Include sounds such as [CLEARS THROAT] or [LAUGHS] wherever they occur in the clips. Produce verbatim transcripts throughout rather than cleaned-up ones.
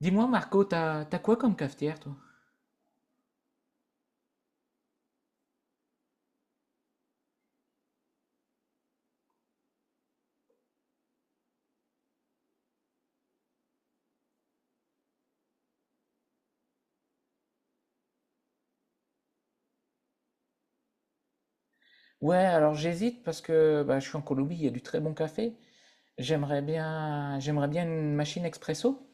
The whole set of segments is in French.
Dis-moi, Marco, t'as t'as quoi comme cafetière, toi? Ouais, alors j'hésite parce que bah, je suis en Colombie, il y a du très bon café. J'aimerais bien, j'aimerais bien une machine expresso,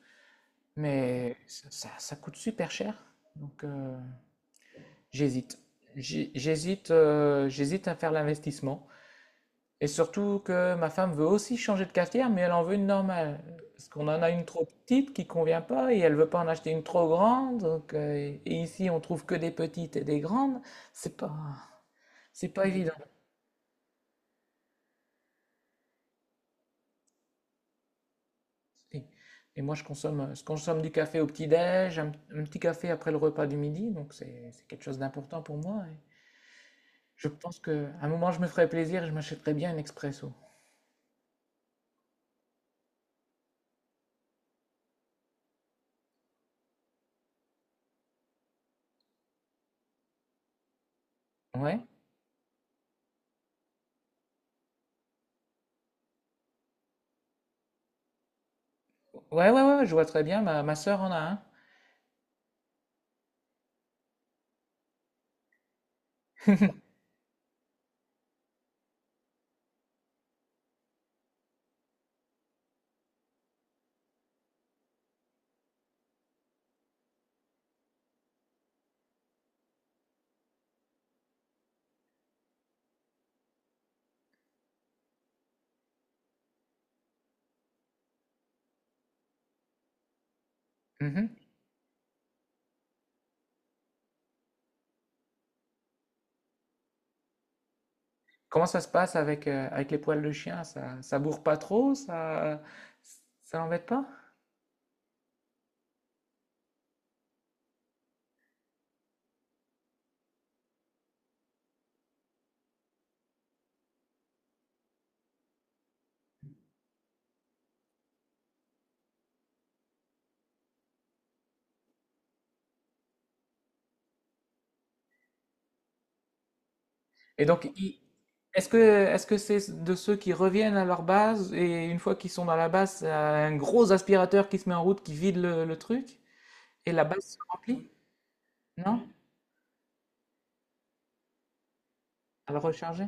mais ça, ça- ça coûte super cher. Donc euh, j'hésite. J'hé- J'hésite, euh, j'hésite à faire l'investissement. Et surtout que ma femme veut aussi changer de cafetière, mais elle en veut une normale. Parce qu'on en a une trop petite qui convient pas et elle veut pas en acheter une trop grande. Donc, euh, et ici, on trouve que des petites et des grandes. C'est pas, c'est pas évident. Et, et moi, je consomme, euh, je consomme du café au petit-déj, un, un petit café après le repas du midi. Donc, c'est, c'est quelque chose d'important pour moi. Et je pense qu'à un moment, je me ferai plaisir et je m'achèterai bien un expresso. Ouais, ouais, ouais, ouais, je vois très bien. Ma, ma sœur en a un. [LAUGHS] Mhm. Comment ça se passe avec, euh, avec les poils de chien? Ça, ça bourre pas trop? Ça, ça l'embête pas? Et donc, il- est-ce que, est-ce que c'est de ceux qui reviennent à leur base et une fois qu'ils sont dans la base, c'est un gros aspirateur qui se met en route, qui vide le, le truc et la base se remplit? Non? À le recharger?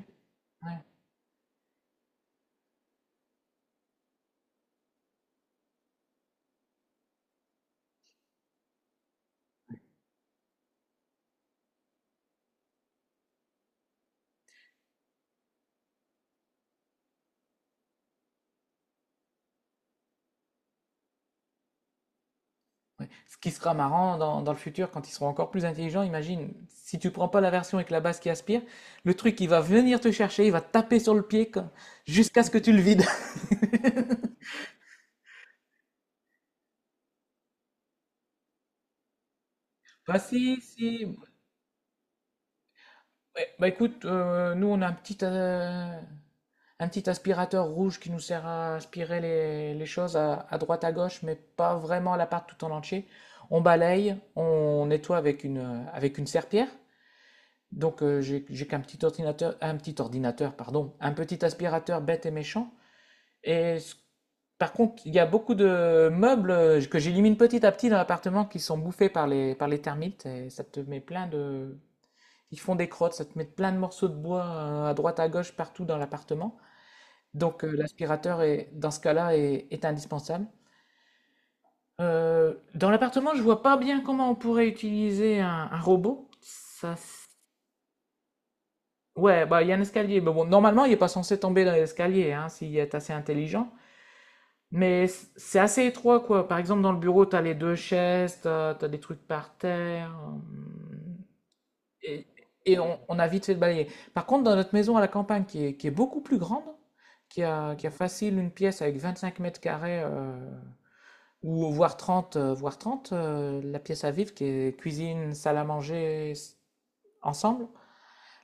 Ouais, ouais. Ce qui sera marrant dans, dans le futur quand ils seront encore plus intelligents, imagine, si tu prends pas la version avec la base qui aspire, le truc il va venir te chercher, il va taper sur le pied comme- jusqu'à ce que tu le vides. [LAUGHS] Bah si, si. Ouais, bah écoute, euh, nous on a un petit, euh, un petit aspirateur rouge qui nous sert à aspirer les, les choses à, à droite à gauche, mais pas vraiment l'appart tout en entier. On balaye, on nettoie avec une, euh, avec une serpillière. Donc euh, j'ai, j'ai qu'un petit ordinateur, un petit ordinateur, pardon, un petit aspirateur bête et méchant. Et ce- par contre, il y a beaucoup de meubles euh, que j'élimine petit à petit dans l'appartement qui sont bouffés par les, par les termites et ça te met plein de, ils font des crottes, ça te met plein de morceaux de bois euh, à droite, à gauche, partout dans l'appartement. Donc euh, l'aspirateur est, dans ce cas-là, est, est indispensable. Euh, dans l'appartement, je vois pas bien comment on pourrait utiliser un, un robot. Ça, s- Ouais, bah il y a un escalier, mais bon, normalement il est pas censé tomber dans l'escalier, hein, s'il est assez intelligent. Mais c- c'est assez étroit, quoi. Par exemple, dans le bureau, t'as les deux chaises, t'as, t'as des trucs par terre. euh, et, et on, on a vite fait de balayer. Par contre, dans notre maison à la campagne, qui est, qui est beaucoup plus grande, qui a, qui a facile une pièce avec vingt-cinq mètres carrés, euh, ou voire trente, euh, voire trente, euh, la pièce à vivre, qui est cuisine, salle à manger, s- ensemble,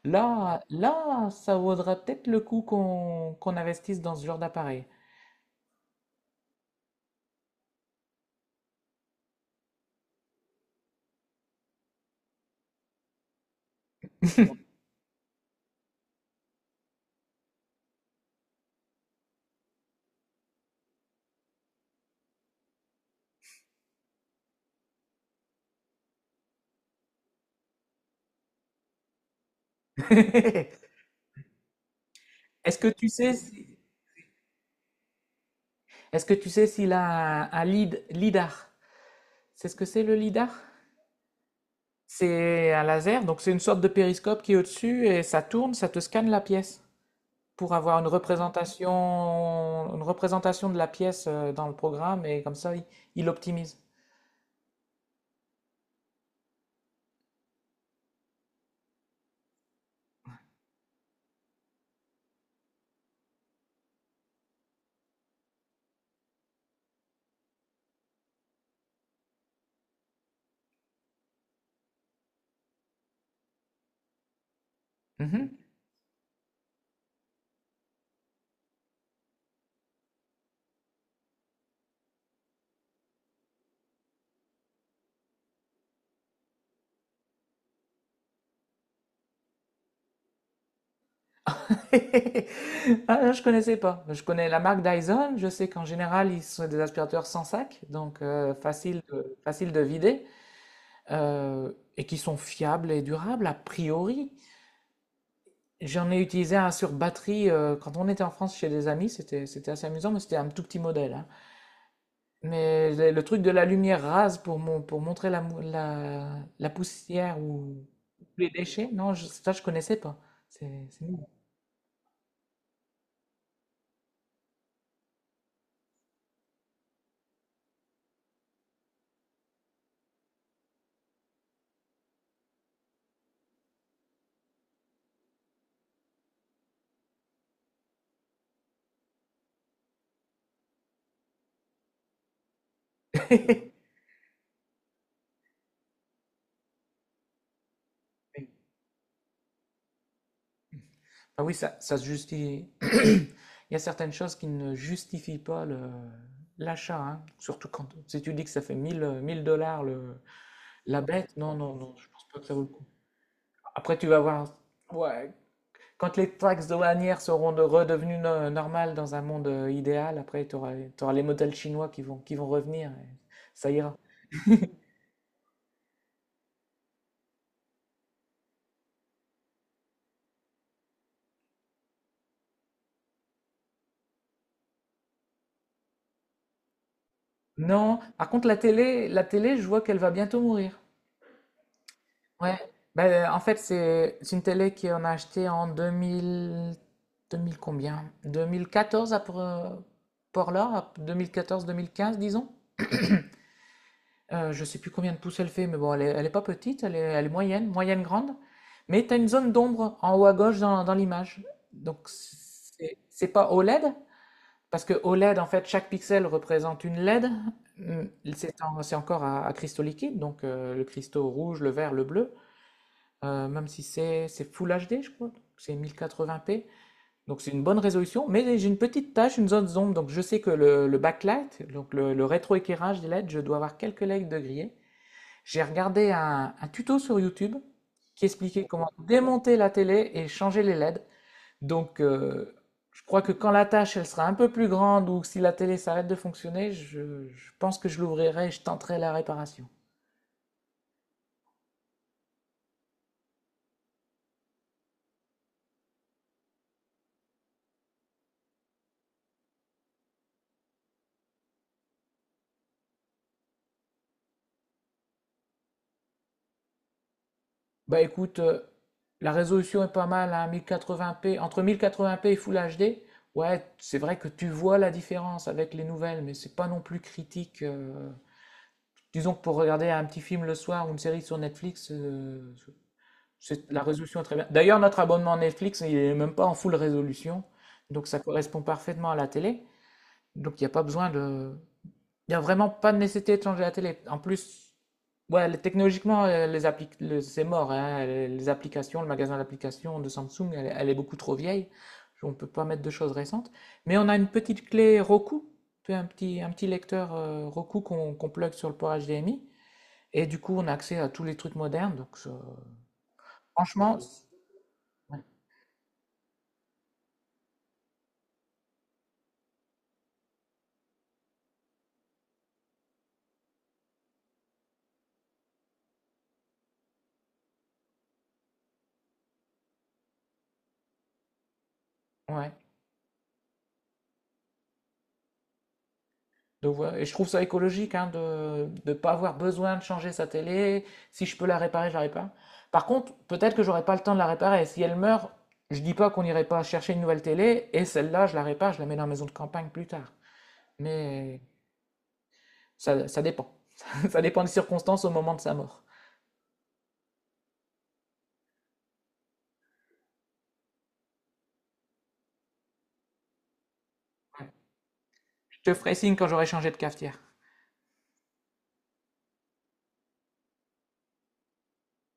là, là, ça vaudra peut-être le coup qu'on qu'on investisse dans ce genre d'appareil. [LAUGHS] Est-ce que tu sais si- est-ce que tu sais s'il a un, un lead, lidar? C'est ce que c'est le lidar? C'est un laser, donc c'est une sorte de périscope qui est au-dessus et ça tourne, ça te scanne la pièce pour avoir une représentation, une représentation de la pièce euh, dans le programme et comme ça, il, il optimise. Mhm. [LAUGHS] Ah, je connaissais pas. Je connais la marque Dyson, je sais qu'en général, ils sont des aspirateurs sans sac, donc euh, facile de, facile de vider, euh, et qui sont fiables et durables a priori. J'en ai utilisé un sur batterie euh, quand on était en France chez des amis, c'était c'était assez amusant, mais c'était un tout petit modèle, hein. Mais le le truc de la lumière rase pour, mon, pour montrer la, mou- la, la poussière ou les déchets, non, je- ça je connaissais pas. C'est c'est nouveau. [LAUGHS] Ah oui, ça, ça se justifie. [CLEARS THROAT] Il y a certaines choses qui ne justifient pas le- l'achat, hein. Surtout quand si tu dis que ça fait mille euh, mille dollars le, la bête, non, non, non, je pense pas que ça vaut le coup. Après, tu vas voir, ouais, quand les taxes douanières seront de- redevenues no- normales dans un monde euh, idéal, après, tu auras, les modèles chinois qui vont, qui vont revenir. Et ça ira. Non, par contre, la télé, la télé, je vois qu'elle va bientôt mourir. Ouais. Ben, en fait, c'est c'est une télé qu'on a achetée en deux mille, deux mille combien? deux mille quatorze à Por- Portland, à deux mille quatorze-deux mille quinze, disons. Heu, je sais plus combien de pouces elle fait, mais bon, elle est elle est pas petite, elle est elle est moyenne, moyenne grande, mais tu as une zone d'ombre en haut à gauche dans dans l'image. Donc c'est c'est pas O L E D, parce que O L E D, en fait, chaque pixel représente une L E D. Mmh, c'est en c'est encore à à cristaux liquides, donc heu, le cristaux rouge, le vert, le bleu, heu, même si c'est c'est full H D, je crois, c'est mille quatre-vingts p, donc c'est une bonne résolution, mais j'ai une petite tache, une zone d'ombre, donc je sais que le le backlight, donc le le rétroéclairage des L E D, je dois avoir quelques L E D de grillé. J'ai regardé un, un tuto sur YouTube qui expliquait comment démonter la télé et changer les L E D. Donc, euh, je crois que quand la tâche elle sera un peu plus grande ou si la télé s'arrête de fonctionner, je, je pense que je l'ouvrirai et je tenterai la réparation. Bah écoute, euh, la résolution est pas mal, hein, mille quatre-vingts p, entre mille quatre-vingts p et Full H D. Ouais, c'est vrai que tu vois la différence avec les nouvelles, mais c'est pas non plus critique. euh. Disons que pour regarder un petit film le soir ou une série sur Netflix, euh, C'est- la résolution est très bien. D'ailleurs, notre abonnement Netflix, il n'est même pas en full résolution. Donc, ça correspond parfaitement à la télé. Donc, il n'y a pas besoin de. Il n'y a vraiment pas de nécessité de changer la télé. En plus, ouais, les- technologiquement, euh, les appli- le- c'est mort, hein. Les les applications, le magasin d'applications de Samsung, elle, est elle est beaucoup trop vieille. On ne peut pas mettre de choses récentes. Mais on a une petite clé Roku, tu vois, un petit, un petit lecteur euh, Roku qu'on qu'on plug sur le port H D M I. Et du coup, on a accès à tous les trucs modernes. Donc, ça- franchement, ouais, ouais. Donc voilà. Et je trouve ça écologique hein, de ne pas avoir besoin de changer sa télé. Si je peux la réparer, je la répare. Par contre, peut-être que j'aurai pas le temps de la réparer. Si elle meurt, je dis pas qu'on n'irait pas chercher une nouvelle télé et celle-là, je la répare, je la mets dans la maison de campagne plus tard. Mais ça, ça dépend. [LAUGHS] Ça dépend des circonstances au moment de sa mort. Je te ferai signe quand j'aurai changé de cafetière.